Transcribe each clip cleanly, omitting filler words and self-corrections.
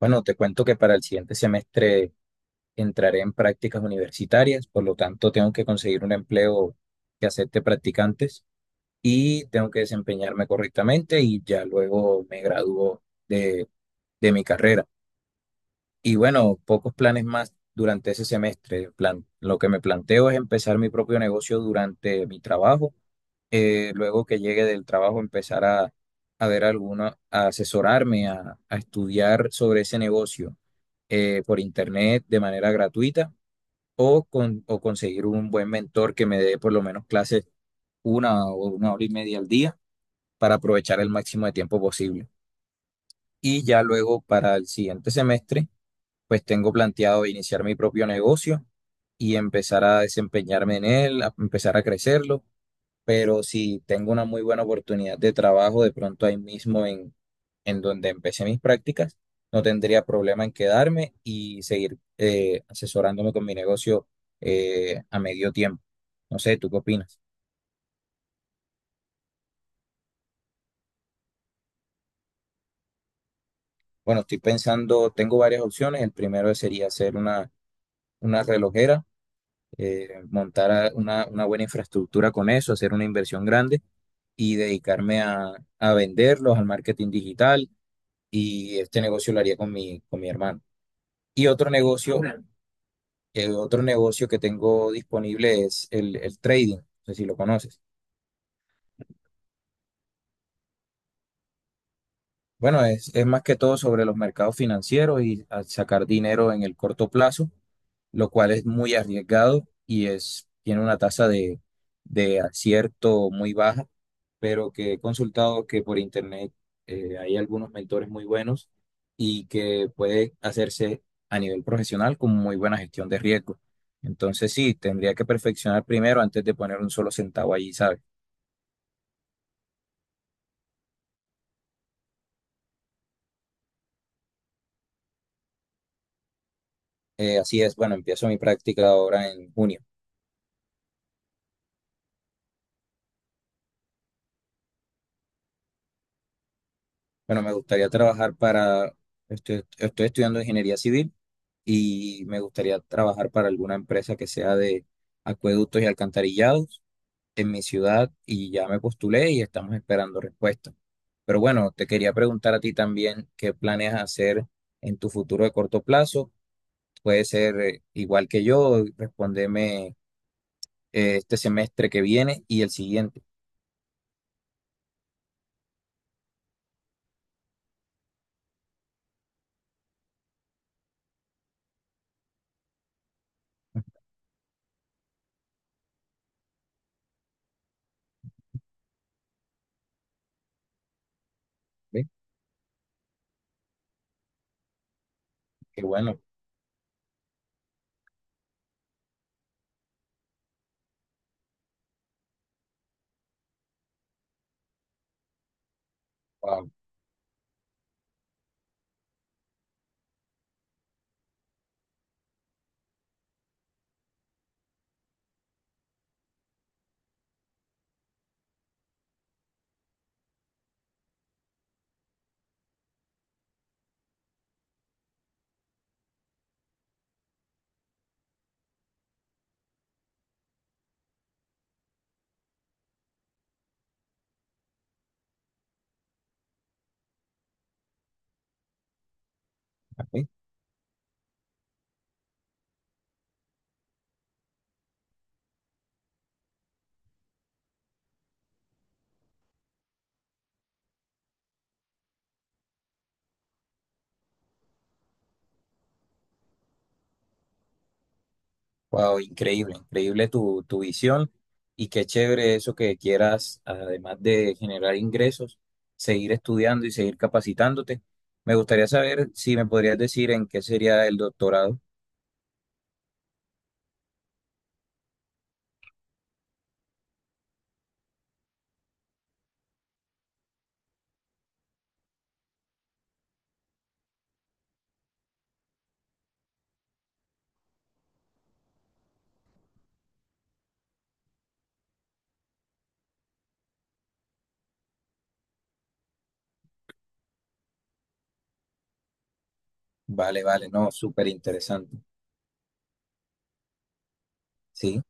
Bueno, te cuento que para el siguiente semestre entraré en prácticas universitarias, por lo tanto tengo que conseguir un empleo que acepte practicantes y tengo que desempeñarme correctamente y ya luego me gradúo de, de mi carrera. Y bueno, pocos planes más durante ese semestre. Lo que me planteo es empezar mi propio negocio durante mi trabajo, luego que llegue del trabajo empezar a ver a asesorarme, a estudiar sobre ese negocio por internet de manera gratuita o conseguir un buen mentor que me dé por lo menos clases una o una hora y media al día para aprovechar el máximo de tiempo posible. Y ya luego para el siguiente semestre, pues tengo planteado iniciar mi propio negocio y empezar a desempeñarme en él, a empezar a crecerlo, pero si tengo una muy buena oportunidad de trabajo de pronto ahí mismo en donde empecé mis prácticas, no tendría problema en quedarme y seguir asesorándome con mi negocio a medio tiempo. No sé, ¿tú qué opinas? Bueno, estoy pensando, tengo varias opciones. El primero sería hacer una relojera, montar una buena infraestructura con eso, hacer una inversión grande y dedicarme a venderlos, al marketing digital. Y este negocio lo haría con con mi hermano. Y otro negocio que tengo disponible es el trading, no sé si lo conoces. Bueno, es más que todo sobre los mercados financieros y a sacar dinero en el corto plazo, lo cual es muy arriesgado tiene una tasa de acierto muy baja, pero que he consultado que por internet hay algunos mentores muy buenos y que puede hacerse a nivel profesional con muy buena gestión de riesgo. Entonces sí, tendría que perfeccionar primero antes de poner un solo centavo allí, ¿sabes? Así es, bueno, empiezo mi práctica ahora en junio. Bueno, me gustaría trabajar estoy estudiando ingeniería civil y me gustaría trabajar para alguna empresa que sea de acueductos y alcantarillados en mi ciudad, y ya me postulé y estamos esperando respuesta. Pero bueno, te quería preguntar a ti también qué planes hacer en tu futuro de corto plazo. Puede ser, igual que yo, respóndeme, este semestre que viene y el siguiente. ¿Ve? Qué bueno. Wow. Wow, increíble, increíble tu visión, y qué chévere eso que quieras, además de generar ingresos, seguir estudiando y seguir capacitándote. Me gustaría saber si me podrías decir en qué sería el doctorado. Vale, vale, no, súper interesante. Sí,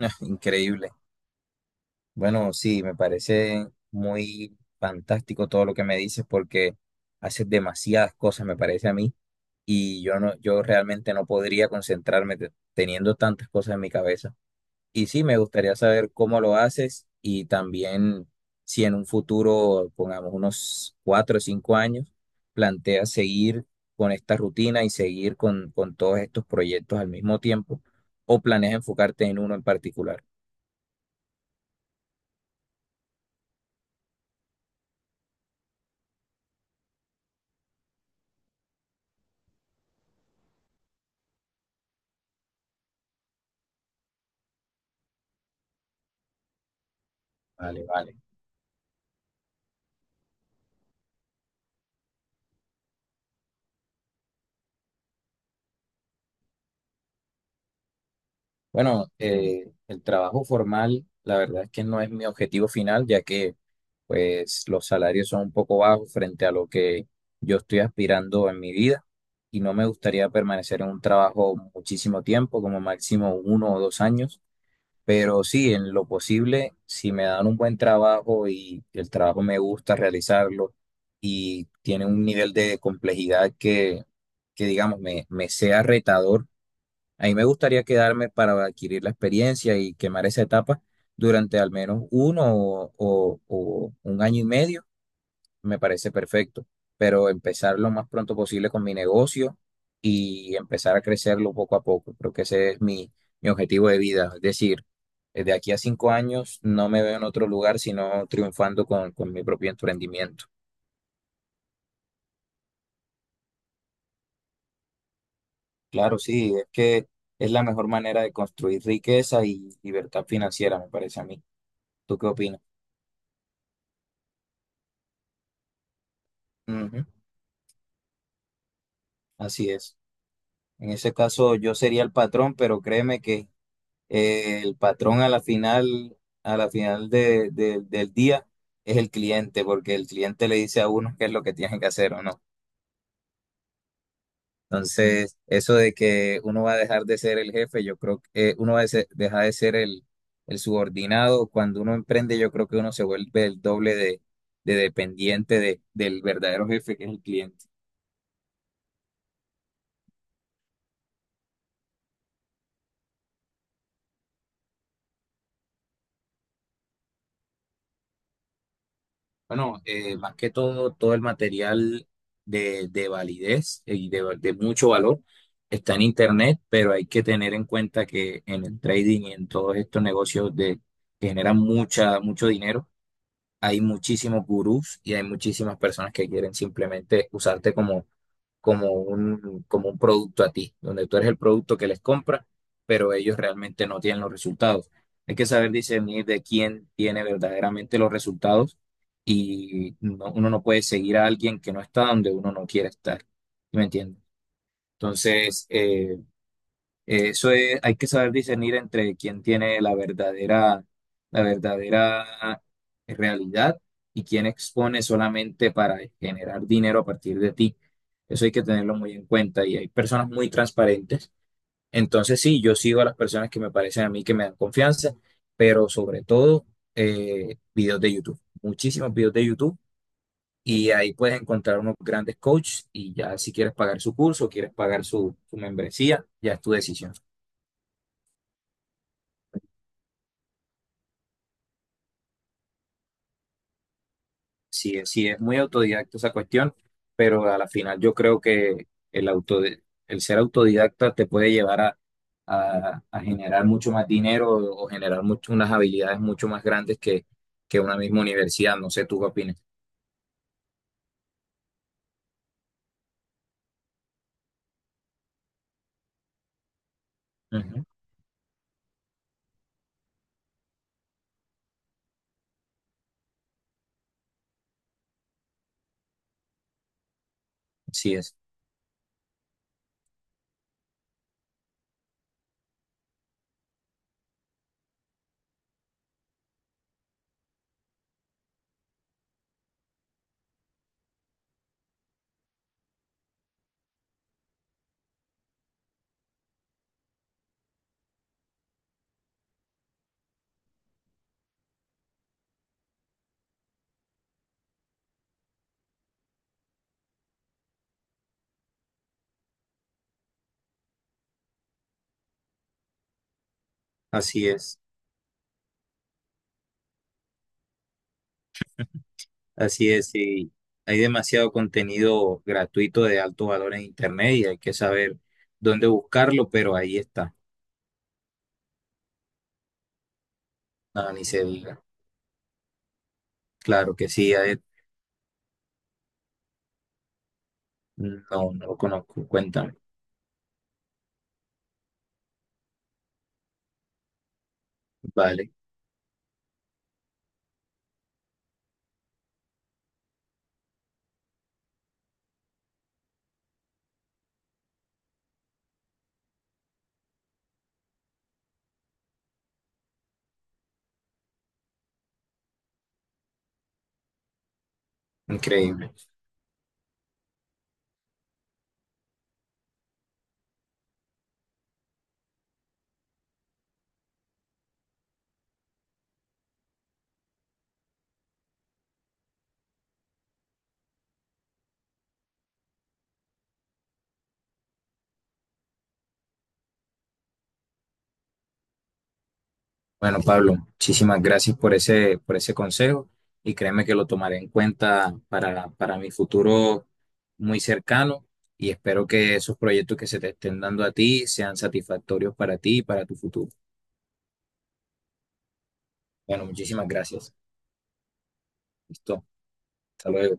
increíble. Bueno, sí, me parece muy fantástico todo lo que me dices, porque haces demasiadas cosas, me parece a mí, y yo no, yo realmente no podría concentrarme teniendo tantas cosas en mi cabeza. Y sí, me gustaría saber cómo lo haces, y también si en un futuro, pongamos unos cuatro o cinco años, planteas seguir con esta rutina y seguir con todos estos proyectos al mismo tiempo, o planeas enfocarte en uno en particular. Vale, vale. Bueno, el trabajo formal, la verdad es que no es mi objetivo final, ya que pues los salarios son un poco bajos frente a lo que yo estoy aspirando en mi vida, y no me gustaría permanecer en un trabajo muchísimo tiempo, como máximo uno o dos años. Pero sí, en lo posible, si me dan un buen trabajo y el trabajo me gusta realizarlo y tiene un nivel de complejidad que digamos, me sea retador, a mí me gustaría quedarme para adquirir la experiencia y quemar esa etapa durante al menos uno o un año y medio, me parece perfecto. Pero empezar lo más pronto posible con mi negocio y empezar a crecerlo poco a poco. Creo que ese es mi objetivo de vida. Es decir, de aquí a cinco años no me veo en otro lugar sino triunfando con mi propio emprendimiento. Claro, sí, es que es la mejor manera de construir riqueza y libertad financiera, me parece a mí. ¿Tú qué opinas? Ujú. Así es. En ese caso yo sería el patrón, pero créeme que, el patrón a la final del día es el cliente, porque el cliente le dice a uno qué es lo que tiene que hacer o no. Entonces, eso de que uno va a dejar de ser el jefe, yo creo que, uno dejar de ser el subordinado. Cuando uno emprende, yo creo que uno se vuelve el doble de dependiente del verdadero jefe, que es el cliente. Bueno, más que todo, todo el material de validez y de mucho valor está en Internet, pero hay que tener en cuenta que en el trading y en todos estos negocios que generan mucho dinero, hay muchísimos gurús y hay muchísimas personas que quieren simplemente usarte como como un producto a ti, donde tú eres el producto que les compra, pero ellos realmente no tienen los resultados. Hay que saber discernir de quién tiene verdaderamente los resultados, y uno no puede seguir a alguien que no está donde uno no quiere estar. ¿Sí? ¿Me entiendes? Entonces, eso es, hay que saber discernir entre quién tiene la verdadera, la verdadera, realidad, y quién expone solamente para generar dinero a partir de ti. Eso hay que tenerlo muy en cuenta, y hay personas muy transparentes. Entonces sí, yo sigo a las personas que me parecen a mí que me dan confianza, pero sobre todo, videos de YouTube, muchísimos videos de YouTube, y ahí puedes encontrar unos grandes coaches, y ya si quieres pagar su curso, quieres pagar su membresía, ya es tu decisión. Sí, sí, es muy autodidacta esa cuestión, pero a la final yo creo que el ser autodidacta te puede llevar a generar mucho más dinero o generar mucho, unas habilidades mucho más grandes que una misma universidad. No sé, ¿tú qué opinas? Ujú. Así es, así es, Así es. Y hay demasiado contenido gratuito de alto valor en Internet, y hay que saber dónde buscarlo, pero ahí está. Nada, ni se diga. Claro que sí, a él, no, no lo conozco. Cuéntame. Vale, increíble. Bueno, Pablo, muchísimas gracias por ese consejo, y créeme que lo tomaré en cuenta para mi futuro muy cercano, y espero que esos proyectos que se te estén dando a ti sean satisfactorios para ti y para tu futuro. Bueno, muchísimas gracias. Listo. Hasta luego.